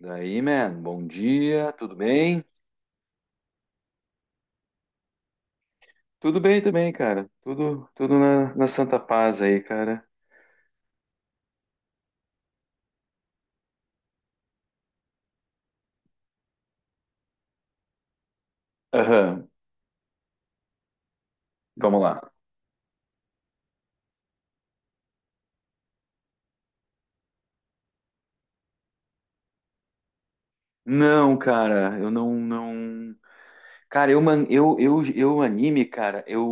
Daí, man, bom dia, tudo bem? Tudo bem também, cara. Tudo na, na santa paz aí, cara. Aham, vamos lá. Não, cara, eu não, não. Cara, eu anime, cara, eu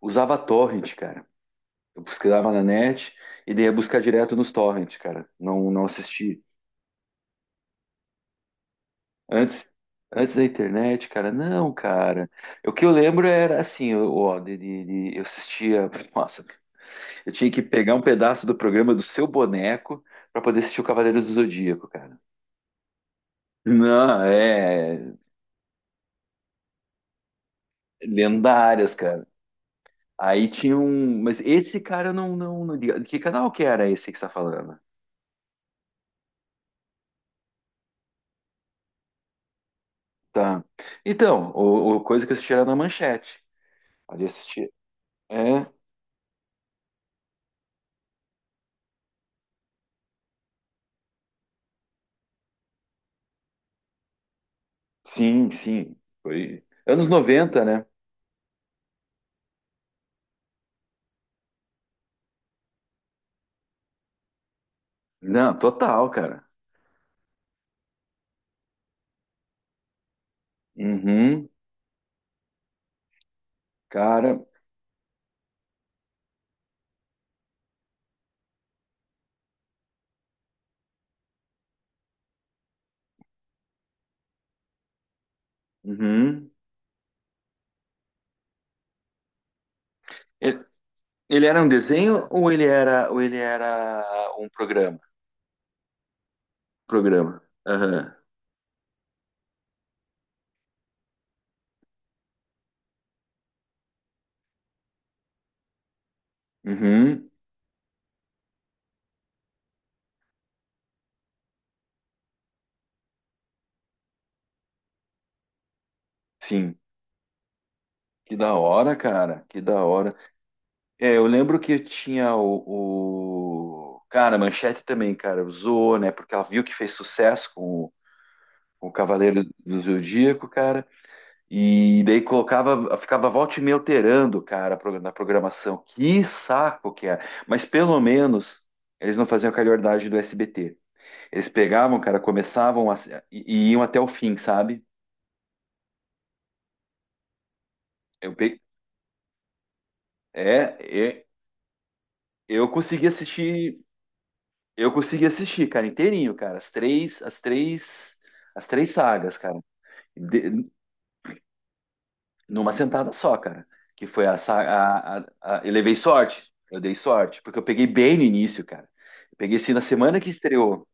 usava torrent, cara. Eu pesquisava na net e daí ia buscar direto nos torrent, cara. Não, não assisti. Antes, antes da internet, cara, não, cara. O que eu lembro era assim, eu, ó, eu assistia. Nossa, eu tinha que pegar um pedaço do programa do seu boneco para poder assistir o Cavaleiros do Zodíaco, cara. Não, é. Lendárias, cara. Aí tinha um. Mas esse cara eu não, não, não. Que canal que era esse que você tá falando? Tá. Então, o coisa que eu assisti era na Manchete. Ali eu assisti. É, sim, sim. Foi. Anos 90, né? Não, total, cara. Uhum, cara. Uhum. Ele, ele era um desenho ou ele era um programa? Programa. Aham. Uhum. Sim. Que da hora, cara. Que da hora. É, eu lembro que tinha o. Cara, a Manchete também, cara, usou, né? Porque ela viu que fez sucesso com o Cavaleiro do Zodíaco, cara. E daí colocava, ficava volta e meia alterando, cara, na programação. Que saco que é. Mas pelo menos eles não faziam a calhordagem do SBT. Eles pegavam, cara, começavam a iam até o fim, sabe? Eu pe... É, é, Eu consegui assistir, eu consegui assistir, cara, inteirinho, cara, as três sagas, cara, de- numa sentada só, cara, que foi a saga, eu levei sorte, eu dei sorte, porque eu peguei bem no início, cara, eu peguei assim na semana que estreou,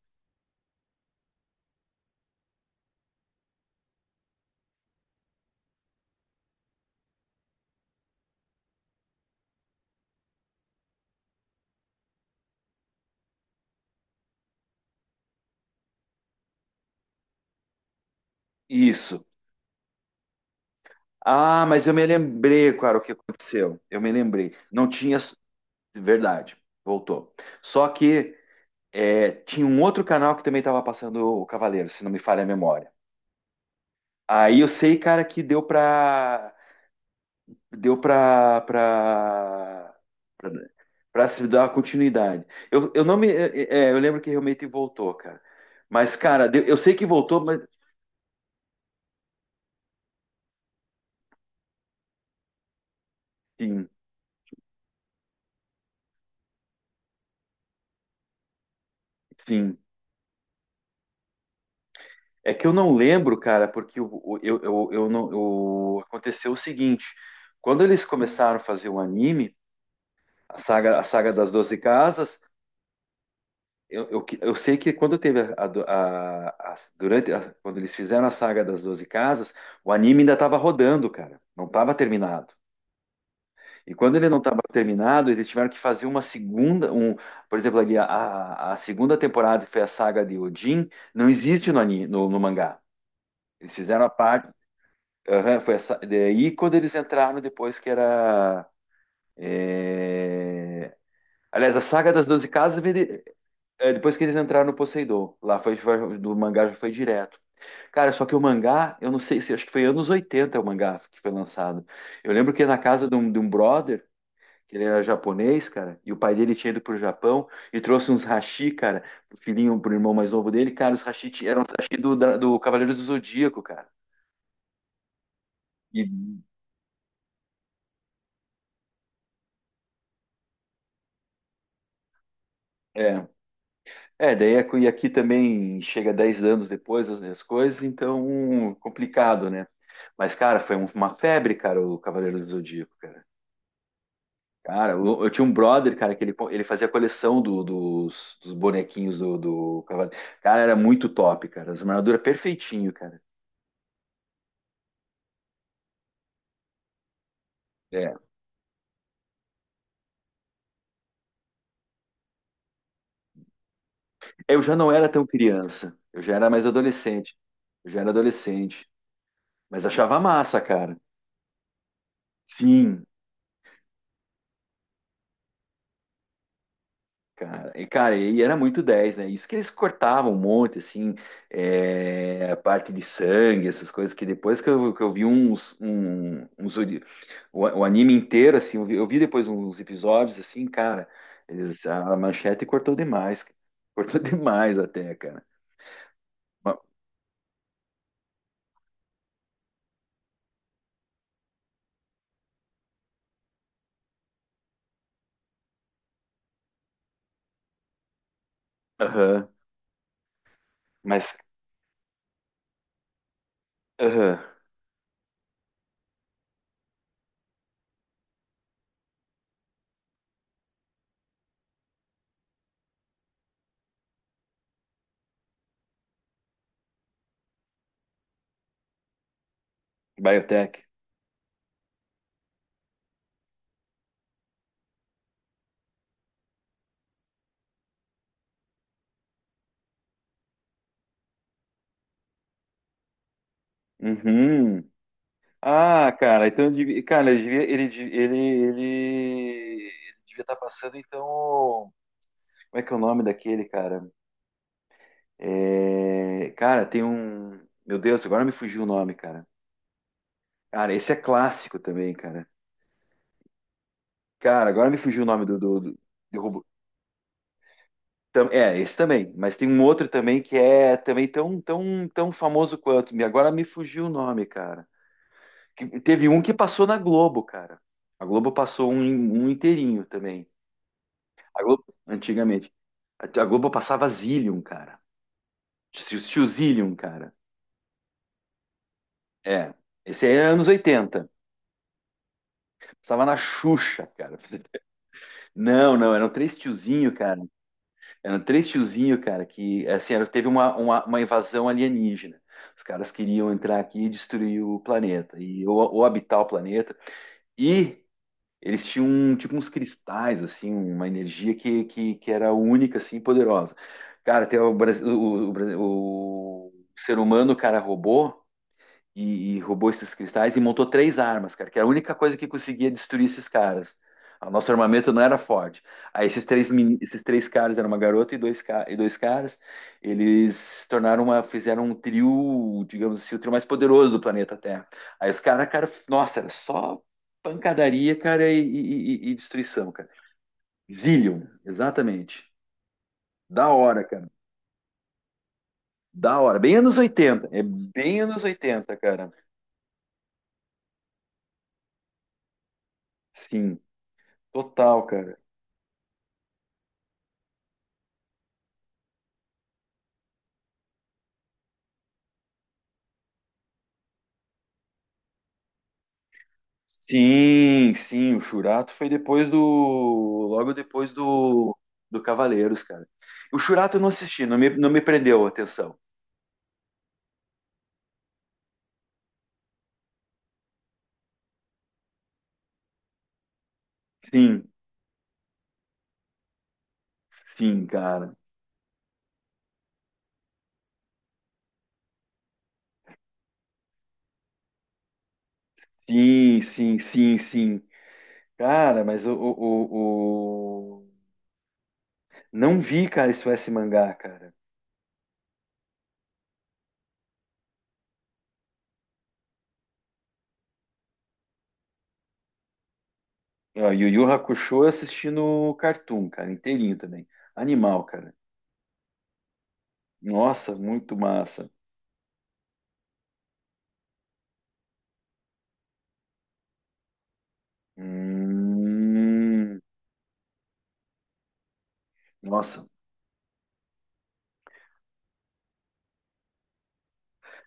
isso. Ah, mas eu me lembrei, cara, o que aconteceu, eu me lembrei, não tinha, verdade, voltou, só que é, tinha um outro canal que também estava passando o Cavaleiro, se não me falha a memória. Aí eu sei, cara, que deu pra. Deu pra. pra. pra, pra se dar uma continuidade. Eu não me. É, é, Eu lembro que realmente voltou, cara. Mas, cara, eu sei que voltou, mas. Sim, sim. É que eu não lembro, cara, porque eu não. eu- aconteceu o seguinte: quando eles começaram a fazer o anime, a saga das Doze Casas. Eu sei que quando teve quando eles fizeram a saga das Doze Casas, o anime ainda estava rodando, cara, não estava terminado. E quando ele não estava terminado, eles tiveram que fazer uma segunda, um, por exemplo, ali a segunda temporada, que foi a saga de Odin, não existe no no mangá. Eles fizeram a parte, aham, foi essa, daí quando eles entraram depois que era, aliás, a saga das Doze Casas veio de-, é, depois que eles entraram no Poseidon, lá foi, do mangá já foi direto. Cara, só que o mangá, eu não sei, se acho que foi anos 80 o mangá que foi lançado. Eu lembro que na casa de um brother, que ele era japonês, cara, e o pai dele tinha ido pro Japão e trouxe uns hashi, cara, pro filhinho, pro irmão mais novo dele, cara, os eram os hashi do Cavaleiros do Zodíaco, cara. E, é, é, daí e aqui também chega 10 anos depois as, as coisas, então complicado, né? Mas, cara, foi uma febre, cara, o Cavaleiros do Zodíaco. Cara, eu tinha um brother, cara, que ele fazia coleção dos bonequinhos do Cavaleiro. Cara, era muito top, cara. As armaduras perfeitinho, cara. É. Eu já não era tão criança. Eu já era mais adolescente. Eu já era adolescente. Mas achava massa, cara. Sim. Cara, e cara, e era muito dez, né? Isso que eles cortavam um monte, assim, é, a parte de sangue, essas coisas, que depois que eu vi uns, um, o anime inteiro, assim, eu vi depois uns episódios, assim, cara, eles, a Manchete cortou demais, cortou demais até, cara. Ma- Aham, mas, aham, Biotech. Uhum. Ah, cara, então, cara, ele devia, ele ele devia estar passando, então. Como é que é o nome daquele, cara? É, cara, tem um. Meu Deus, agora me fugiu o nome, cara. Cara, esse é clássico também, cara. Cara, agora me fugiu o nome do robô. É, esse também. Mas tem um outro também que é também tão, tão, tão famoso quanto. Agora me fugiu o nome, cara. Teve um que passou na Globo, cara. A Globo passou um inteirinho também. A Globo, antigamente. A Globo passava Zillion, cara. Tio Zillion, cara. É. Esse aí é anos oitenta. Passava na Xuxa, cara. Não, não, eram três tiozinho, cara. Eram três tiozinho, cara, que, assim, teve uma invasão alienígena. Os caras queriam entrar aqui e destruir o planeta, e, ou habitar o planeta. E eles tinham, tipo, uns cristais, assim, uma energia que era única, assim, e poderosa. Cara, tem o, Brasi- o ser humano, cara, robô, e roubou esses cristais e montou três armas, cara, que era a única coisa que conseguia destruir esses caras. O nosso armamento não era forte. Aí esses três caras, era uma garota e dois caras, eles se tornaram uma, fizeram um trio, digamos assim, o trio mais poderoso do planeta Terra. Aí os caras, cara, nossa, era só pancadaria, cara, e destruição, cara. Zillion, exatamente. Da hora, cara. Da hora. Bem anos 80. É bem anos 80, cara. Sim, total, cara. Sim, sim, o Churato foi depois do, logo depois do Cavaleiros, cara. O Churato eu não assisti, não me, não me prendeu a atenção. Sim, sim, cara. Sim, sim, sim, sim. Cara, mas não vi, cara, isso, esse mangá, cara. Ó, Yu Yu Hakusho eu assisti no Cartoon, cara, inteirinho também. Animal, cara. Nossa, muito massa. Hum, Nossa,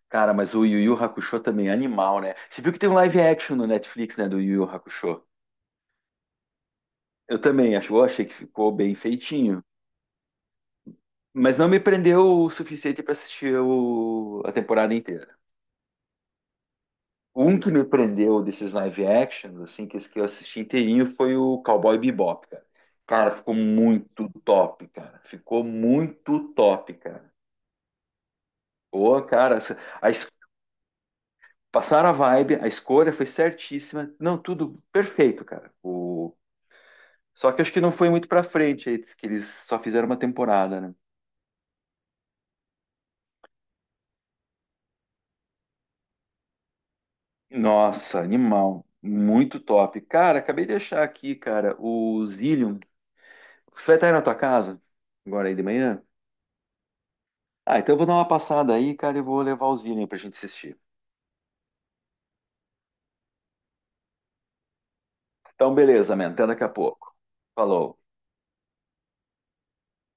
cara, mas o Yu Yu Hakusho também é animal, né? Você viu que tem um live action no Netflix, né, do Yu Yu Hakusho? Eu também acho, eu achei que ficou bem feitinho, mas não me prendeu o suficiente para assistir a temporada inteira. Um que me prendeu desses live actions, assim, que eu assisti inteirinho, foi o Cowboy Bebop, cara. Cara, ficou muito top, cara. Ficou muito top, cara. Pô, cara, passaram a vibe, a escolha foi certíssima. Não, tudo perfeito, cara. O Só que acho que não foi muito pra frente, aí, que eles só fizeram uma temporada, né? Nossa, animal. Muito top. Cara, acabei de achar aqui, cara, o Zillion. Você vai estar aí na tua casa? Agora aí de manhã? Ah, então eu vou dar uma passada aí, cara, e vou levar o Zillion pra gente assistir. Então, beleza, man. Até daqui a pouco. Falou.